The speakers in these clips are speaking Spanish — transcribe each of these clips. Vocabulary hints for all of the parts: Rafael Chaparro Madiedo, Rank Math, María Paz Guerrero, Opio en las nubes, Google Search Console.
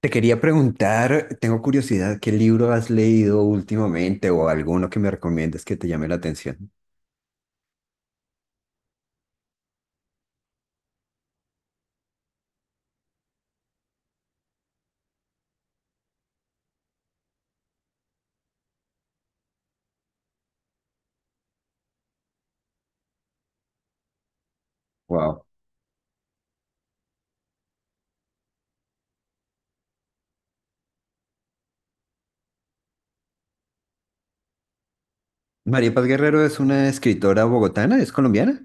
Te quería preguntar, tengo curiosidad, ¿qué libro has leído últimamente o alguno que me recomiendes que te llame la atención? Wow. María Paz Guerrero es una escritora bogotana, ¿es colombiana?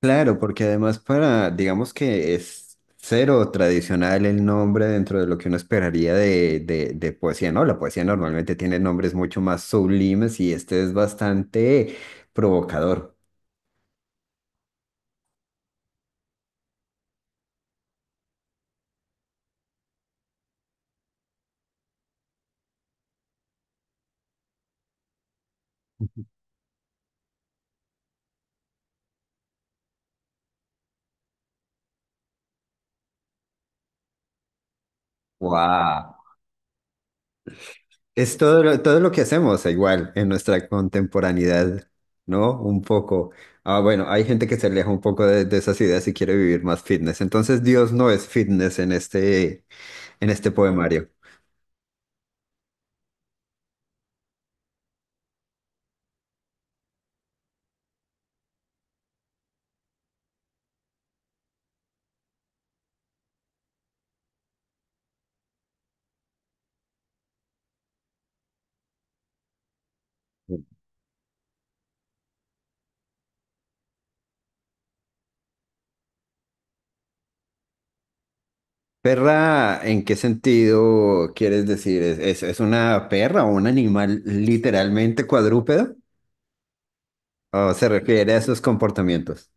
Claro, porque además para, digamos que es cero tradicional el nombre dentro de lo que uno esperaría de poesía, ¿no? La poesía normalmente tiene nombres mucho más sublimes y este es bastante provocador. Wow. Es todo todo lo que hacemos igual en nuestra contemporaneidad, ¿no? Un poco. Ah, bueno, hay gente que se aleja un poco de esas ideas y quiere vivir más fitness. Entonces, Dios no es fitness en en este poemario. Perra, ¿en qué sentido quieres decir? ¿Es una perra o un animal literalmente cuadrúpedo? ¿O se refiere a esos comportamientos?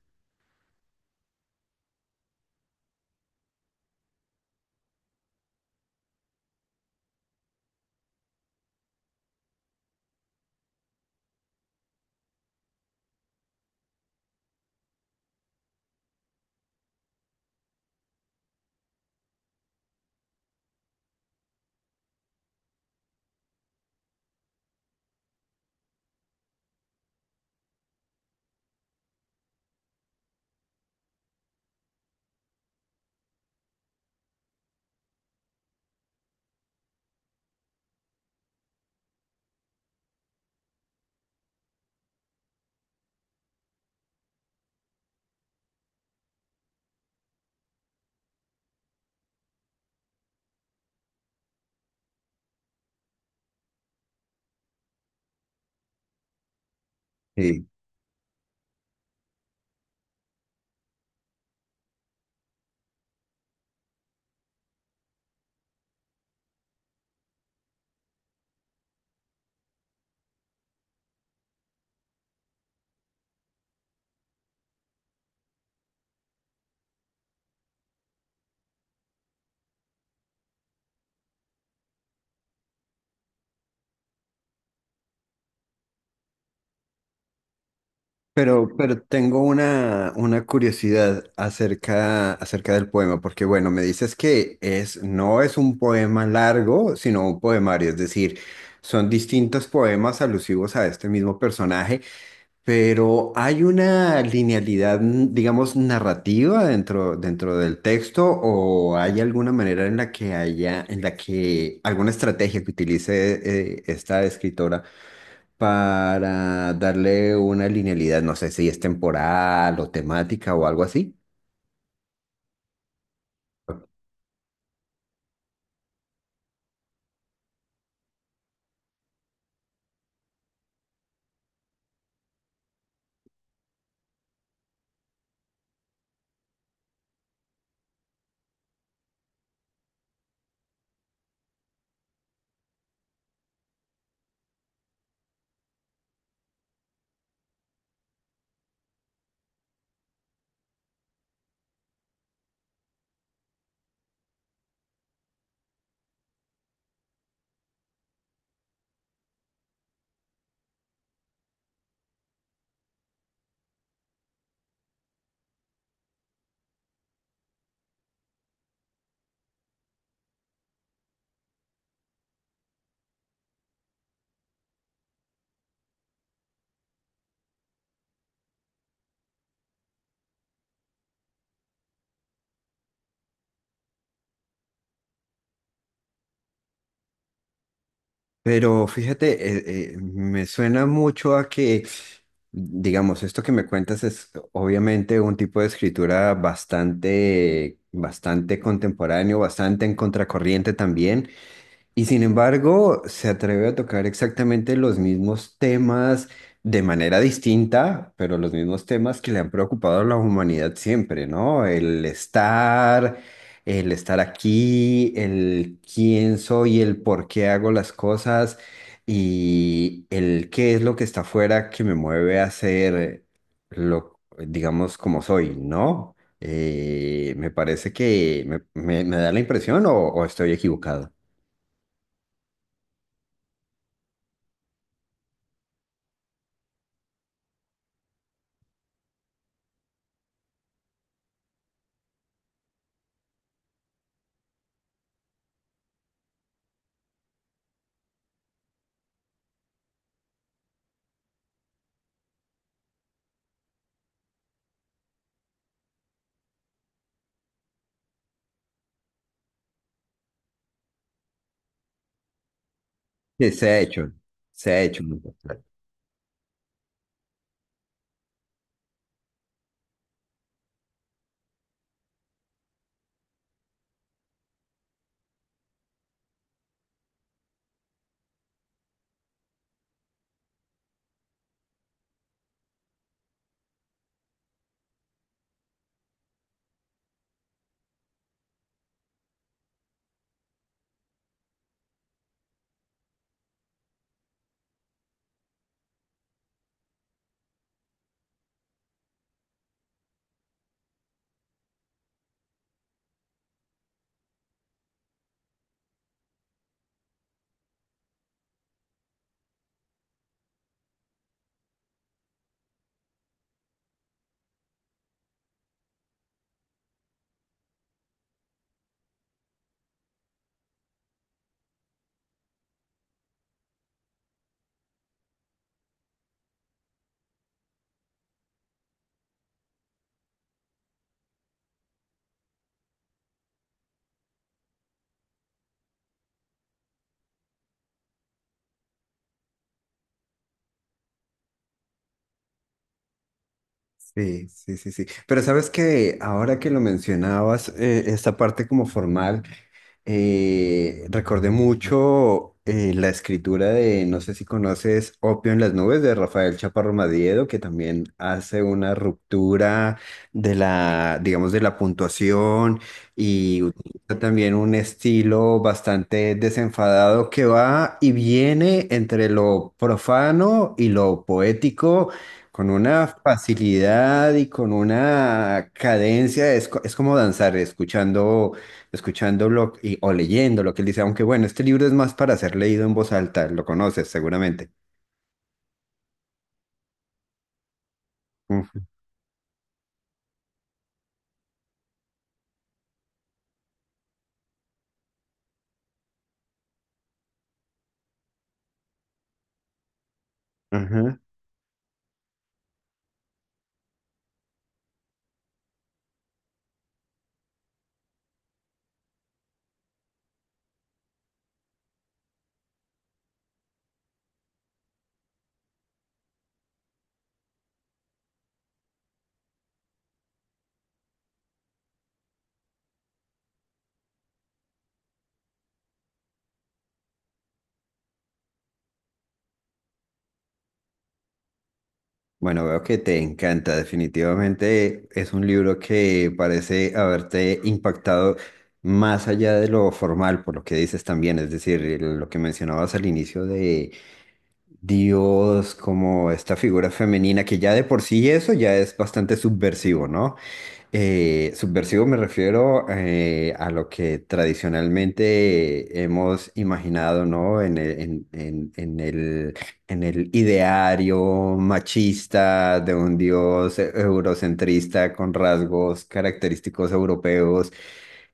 Sí. Pero tengo una curiosidad acerca del poema, porque bueno, me dices que es, no es un poema largo, sino un poemario, es decir, son distintos poemas alusivos a este mismo personaje, pero hay una linealidad, digamos, narrativa dentro del texto, o hay alguna manera en la que haya, en la que alguna estrategia que utilice esta escritora para darle una linealidad, no sé si es temporal o temática o algo así. Pero fíjate, me suena mucho a que, digamos, esto que me cuentas es obviamente un tipo de escritura bastante contemporáneo, bastante en contracorriente también. Y sin embargo, se atreve a tocar exactamente los mismos temas de manera distinta, pero los mismos temas que le han preocupado a la humanidad siempre, ¿no? El estar aquí, el quién soy, el por qué hago las cosas y el qué es lo que está afuera que me mueve a ser lo, digamos, como soy, ¿no? Me parece que me da la impresión o estoy equivocado. Sí, se ha hecho mucho. Sí, sí, sí, sí. Pero sabes que ahora que lo mencionabas, esta parte como formal, recordé mucho la escritura de, no sé si conoces, Opio en las nubes de Rafael Chaparro Madiedo, que también hace una ruptura de la, digamos, de la puntuación y utiliza también un estilo bastante desenfadado que va y viene entre lo profano y lo poético con una facilidad y con una cadencia, es, es como danzar, escuchando, escuchando o leyendo lo que él dice, aunque bueno, este libro es más para ser leído en voz alta, lo conoces seguramente. Ujú, ajá. Bueno, veo que te encanta, definitivamente es un libro que parece haberte impactado más allá de lo formal, por lo que dices también, es decir, lo que mencionabas al inicio de Dios, como esta figura femenina que ya de por sí eso ya es bastante subversivo, ¿no? Subversivo me refiero a lo que tradicionalmente hemos imaginado, ¿no? En el ideario machista de un dios eurocentrista con rasgos característicos europeos,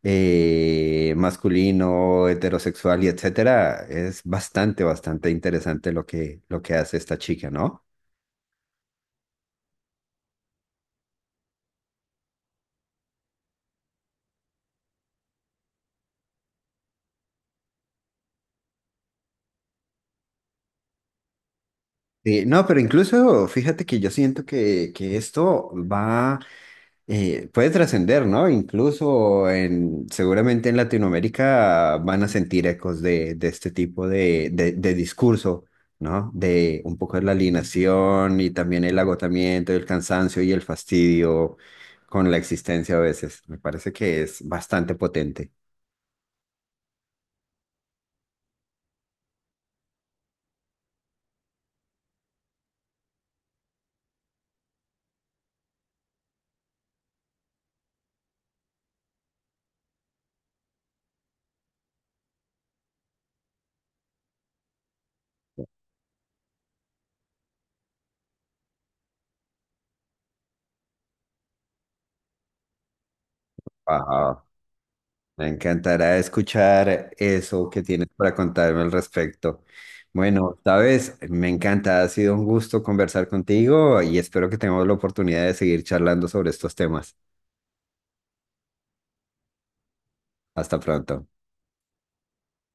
masculino, heterosexual y etcétera. Es bastante, bastante interesante lo que hace esta chica, ¿no? Sí, no, pero incluso fíjate que yo siento que esto va, puede trascender, ¿no? Incluso seguramente en Latinoamérica van a sentir ecos de este tipo de discurso, ¿no? De un poco de la alienación y también el agotamiento, el cansancio y el fastidio con la existencia a veces. Me parece que es bastante potente. Ajá. Me encantará escuchar eso que tienes para contarme al respecto. Bueno, sabes, me encanta, ha sido un gusto conversar contigo y espero que tengamos la oportunidad de seguir charlando sobre estos temas. Hasta pronto.